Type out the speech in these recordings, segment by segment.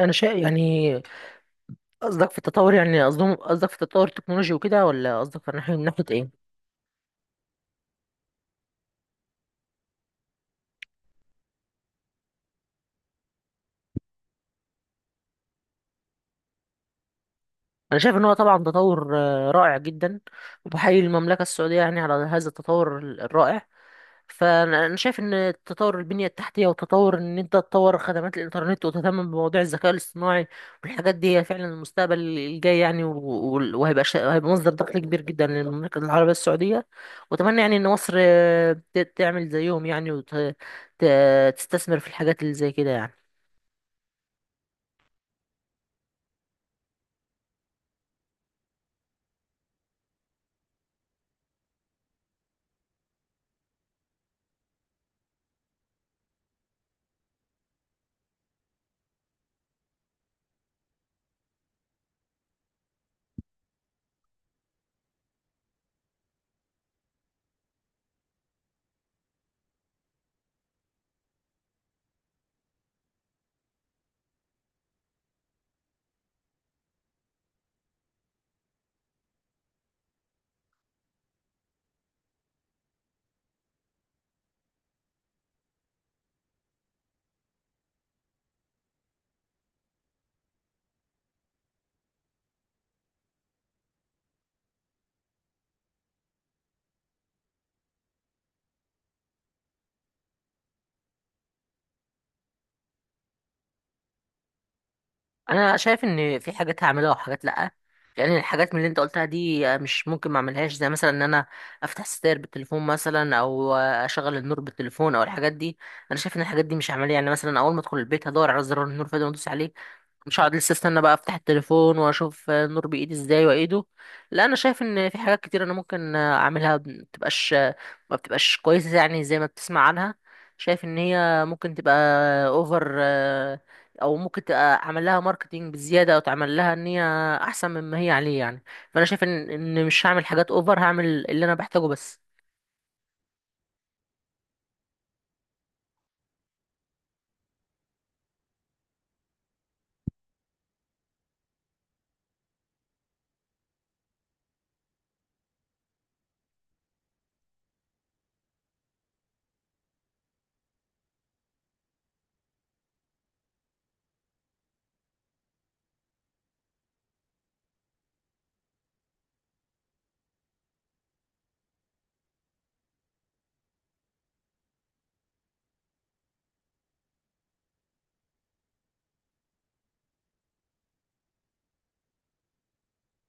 انا شايف يعني قصدك في التطور، يعني قصدهم، قصدك في التطور التكنولوجي وكده، ولا قصدك في ناحيه من ناحيه ايه؟ انا شايف ان هو طبعا تطور رائع جدا، وبحيي المملكه السعوديه يعني على هذا التطور الرائع. فانا شايف ان تطور البنيه التحتيه وتطور ان انت تطور خدمات الانترنت وتهتم بمواضيع الذكاء الاصطناعي والحاجات دي هي فعلا المستقبل الجاي يعني، وهيبقى هيبقى مصدر دخل كبير جدا للمملكه العربيه السعوديه. واتمنى يعني ان مصر تعمل زيهم يعني، وتستثمر في الحاجات اللي زي كده يعني. انا شايف ان في حاجات هعملها وحاجات لا. يعني الحاجات من اللي انت قلتها دي مش ممكن ما اعملهاش، زي مثلا ان انا افتح ستاير بالتليفون مثلا، او اشغل النور بالتليفون او الحاجات دي. انا شايف ان الحاجات دي مش عمليه، يعني مثلا اول ما ادخل البيت هدور على زرار النور فده وادوس عليه. مش هقعد لسه استنى بقى افتح التليفون واشوف النور بايدي ازاي وايده. لا، انا شايف ان في حاجات كتير انا ممكن اعملها ما بتبقاش، ما بتبقاش كويسه يعني زي ما بتسمع عنها. شايف ان هي ممكن تبقى اوفر، او ممكن تبقى اعمل لها ماركتينج بزياده، او تعمل لها ان هي احسن مما هي عليه يعني. فانا شايف ان مش هعمل حاجات اوفر، هعمل اللي انا بحتاجه بس.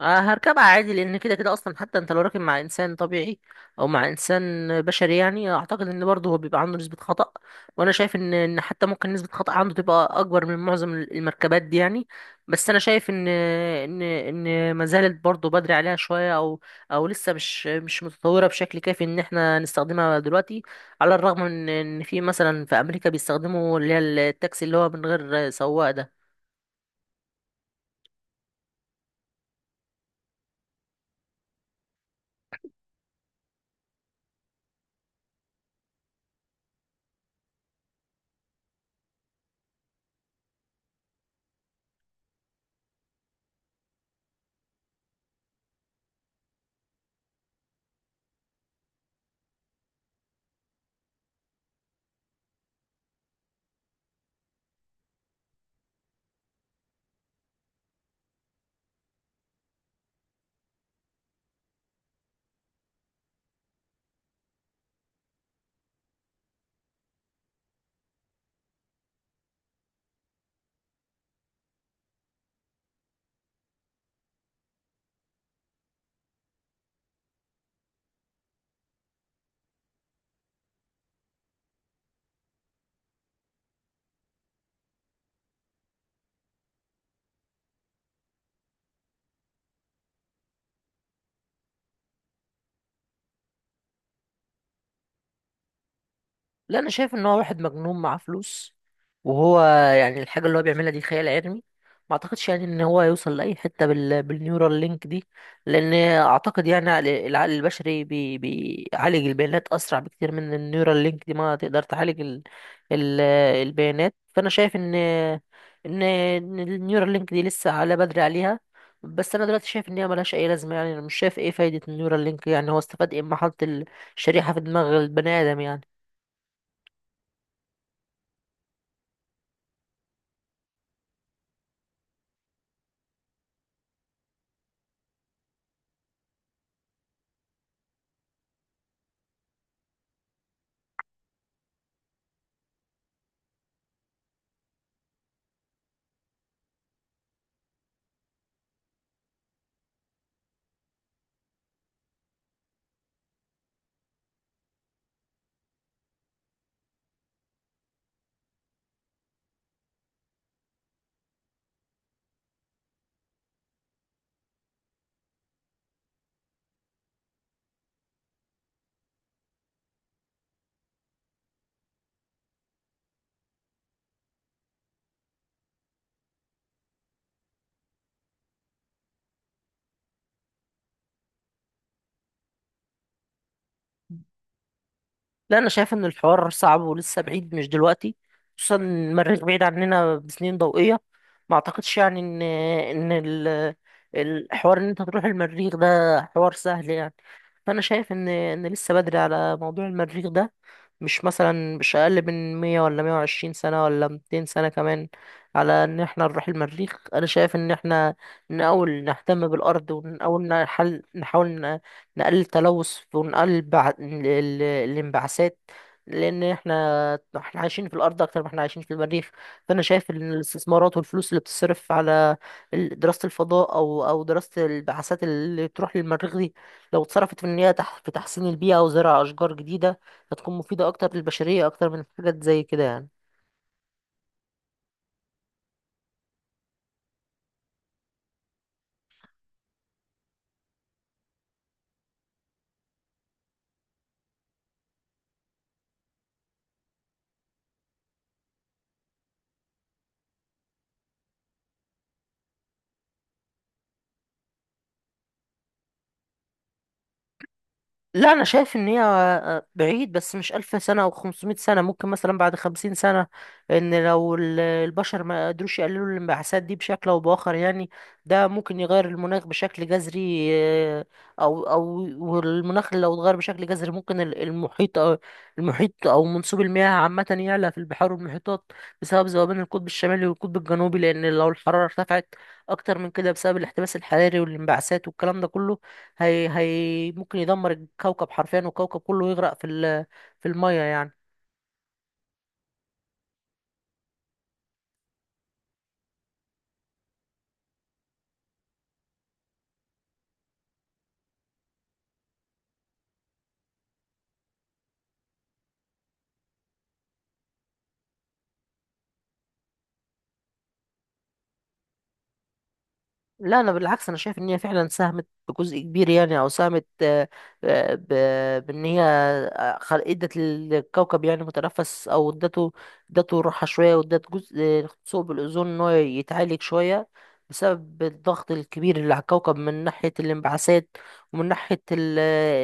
هركبها عادي، لان كده كده اصلا حتى انت لو راكب مع انسان طبيعي او مع انسان بشري يعني، اعتقد ان برضه هو بيبقى عنده نسبة خطأ. وانا شايف ان حتى ممكن نسبة خطأ عنده تبقى اكبر من معظم المركبات دي يعني. بس انا شايف ان ما زالت برضه بدري عليها شوية، او او لسه مش متطورة بشكل كافي ان احنا نستخدمها دلوقتي، على الرغم من ان في مثلا في امريكا بيستخدموا اللي هي التاكسي اللي هو من غير سواق ده. لا، انا شايف ان هو واحد مجنون معاه فلوس، وهو يعني الحاجه اللي هو بيعملها دي خيال علمي. ما اعتقدش يعني ان هو يوصل لاي حته بالنيورال لينك دي. لان اعتقد يعني العقل البشري بيعالج البيانات اسرع بكتير من النيورال لينك دي ما تقدر تعالج ال... البيانات. فانا شايف ان النيورال لينك دي لسه على بدري عليها. بس انا دلوقتي شايف ان هي ملهاش اي لازمه يعني، انا مش شايف ايه فايده النيورال لينك، يعني هو استفاد ايه اما حط الشريحه في دماغ البني ادم يعني. لا، انا شايف ان الحوار صعب ولسه بعيد مش دلوقتي، خصوصا إن المريخ بعيد عننا بسنين ضوئية. ما اعتقدش يعني ان الحوار ان انت تروح المريخ ده حوار سهل يعني. فانا شايف ان لسه بدري على موضوع المريخ ده، مش مثلا مش اقل من 100 ولا 120 سنة ولا 200 سنة كمان على ان احنا نروح المريخ. انا شايف ان احنا نحاول نهتم بالارض، ونحاول نحل، نحاول نقلل التلوث، ونقلل الانبعاثات، لان احنا عايشين في الارض اكتر ما احنا عايشين في المريخ. فانا شايف ان الاستثمارات والفلوس اللي بتصرف على دراسة الفضاء او او دراسة البعثات اللي تروح للمريخ دي، لو اتصرفت في ان هي في تحسين البيئة وزرع اشجار جديدة، هتكون مفيدة أكتر للبشرية أكتر من حاجات زي كده يعني. لا، انا شايف ان هي بعيد، بس مش الف سنه او 500 سنه، ممكن مثلا بعد 50 سنه، ان لو البشر ما قدروش يقللوا الانبعاثات دي بشكل او باخر يعني. ده ممكن يغير المناخ بشكل جذري، آه، او او والمناخ لو اتغير بشكل جذري ممكن المحيط، او المحيط، او منسوب المياه عامه يعلى في البحار والمحيطات، بسبب ذوبان القطب الشمالي والقطب الجنوبي. لان لو الحراره ارتفعت اكتر من كده بسبب الاحتباس الحراري والانبعاثات والكلام ده كله، هي ممكن يدمر الكوكب حرفيا، والكوكب كله يغرق في المية يعني. لا، انا بالعكس، انا شايف ان هي فعلا ساهمت بجزء كبير يعني، او ساهمت، بان هي ادت للكوكب يعني متنفس، او ادته، ادته راحه شويه، وادت جزء ثقب الاوزون ان هو يتعالج شويه، بسبب الضغط الكبير اللي على الكوكب من ناحيه الانبعاثات، ومن ناحيه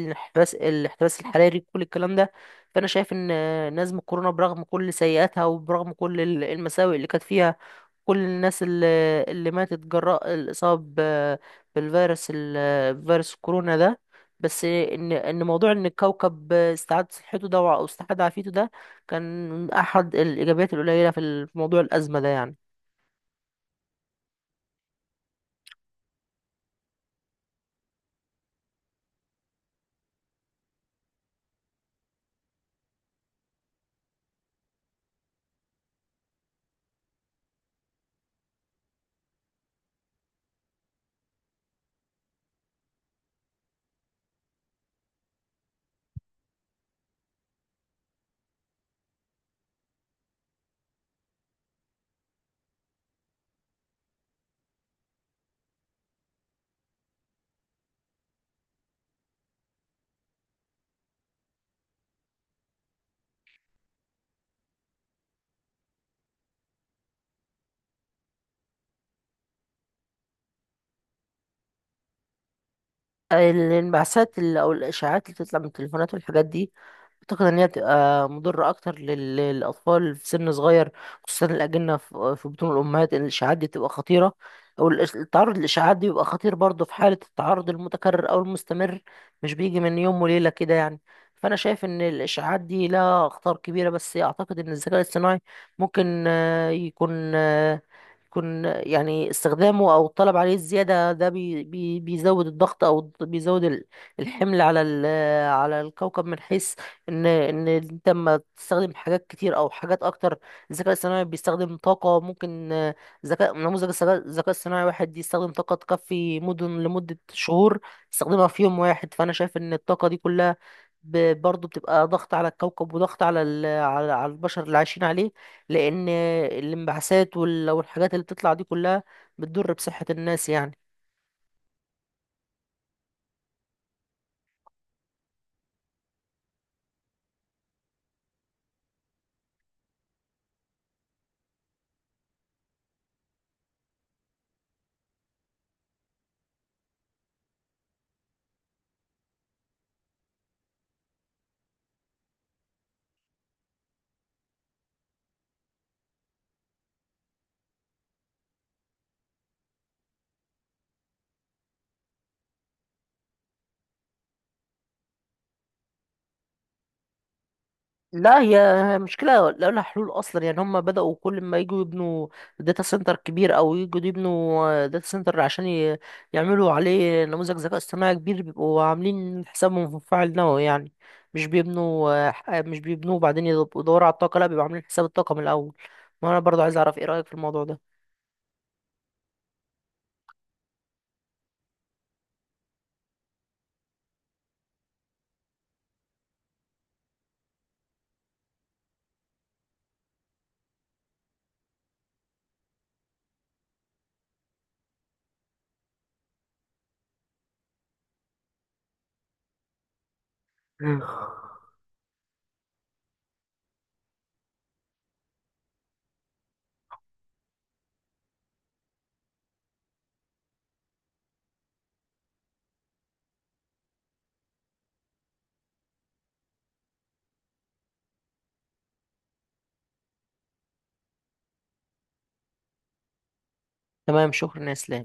الانحباس، الاحتباس الحراري كل الكلام ده. فانا شايف ان نزمه كورونا برغم كل سيئاتها وبرغم كل المساوئ اللي كانت فيها، كل الناس اللي ماتت جراء الإصابة ب- بالفيروس، فيروس الكورونا ده، بس إن موضوع إن الكوكب استعاد صحته ده، أو استعاد عافيته ده، كان أحد الإيجابيات القليلة في في موضوع الأزمة ده يعني. الانبعاثات اللي، أو الإشاعات اللي بتطلع من التليفونات والحاجات دي، أعتقد إن هي بتبقى مضرة أكتر للأطفال في سن صغير، خصوصا الأجنة في في بطون الأمهات، إن الإشعاعات دي بتبقى خطيرة. أو التعرض للإشعاعات دي بيبقى خطير برضه في حالة التعرض المتكرر أو المستمر، مش بيجي من يوم وليلة كده يعني. فأنا شايف إن الإشعاعات دي لها أخطار كبيرة. بس أعتقد إن الذكاء الاصطناعي ممكن يكون يكون يعني استخدامه او الطلب عليه الزياده ده بي بي بيزود الضغط، او بيزود الحمل على على الكوكب، من حيث ان انت لما تستخدم حاجات كتير او حاجات اكتر. الذكاء الصناعي بيستخدم طاقه ممكن، ذكاء نموذج الذكاء الصناعي واحد يستخدم طاقه تكفي مدن لمده شهور، يستخدمها في يوم واحد. فانا شايف ان الطاقه دي كلها برضه بتبقى ضغط على الكوكب، وضغط على على البشر اللي عايشين عليه، لان الانبعاثات والحاجات اللي بتطلع دي كلها بتضر بصحة الناس يعني. لا، هي مشكلة لا لها حلول أصلا يعني. هم بدأوا كل ما يجوا يبنوا داتا سنتر كبير، أو يجوا يبنوا داتا سنتر عشان يعملوا عليه نموذج ذكاء اصطناعي كبير، بيبقوا عاملين حسابهم في فاعل نووي يعني. مش بيبنوا مش بيبنوه وبعدين يدوروا على الطاقة، لا بيبقوا عاملين حساب الطاقة من الأول. ما أنا برضو عايز أعرف إيه رأيك في الموضوع ده. مم. تمام، شكرا يا إسلام.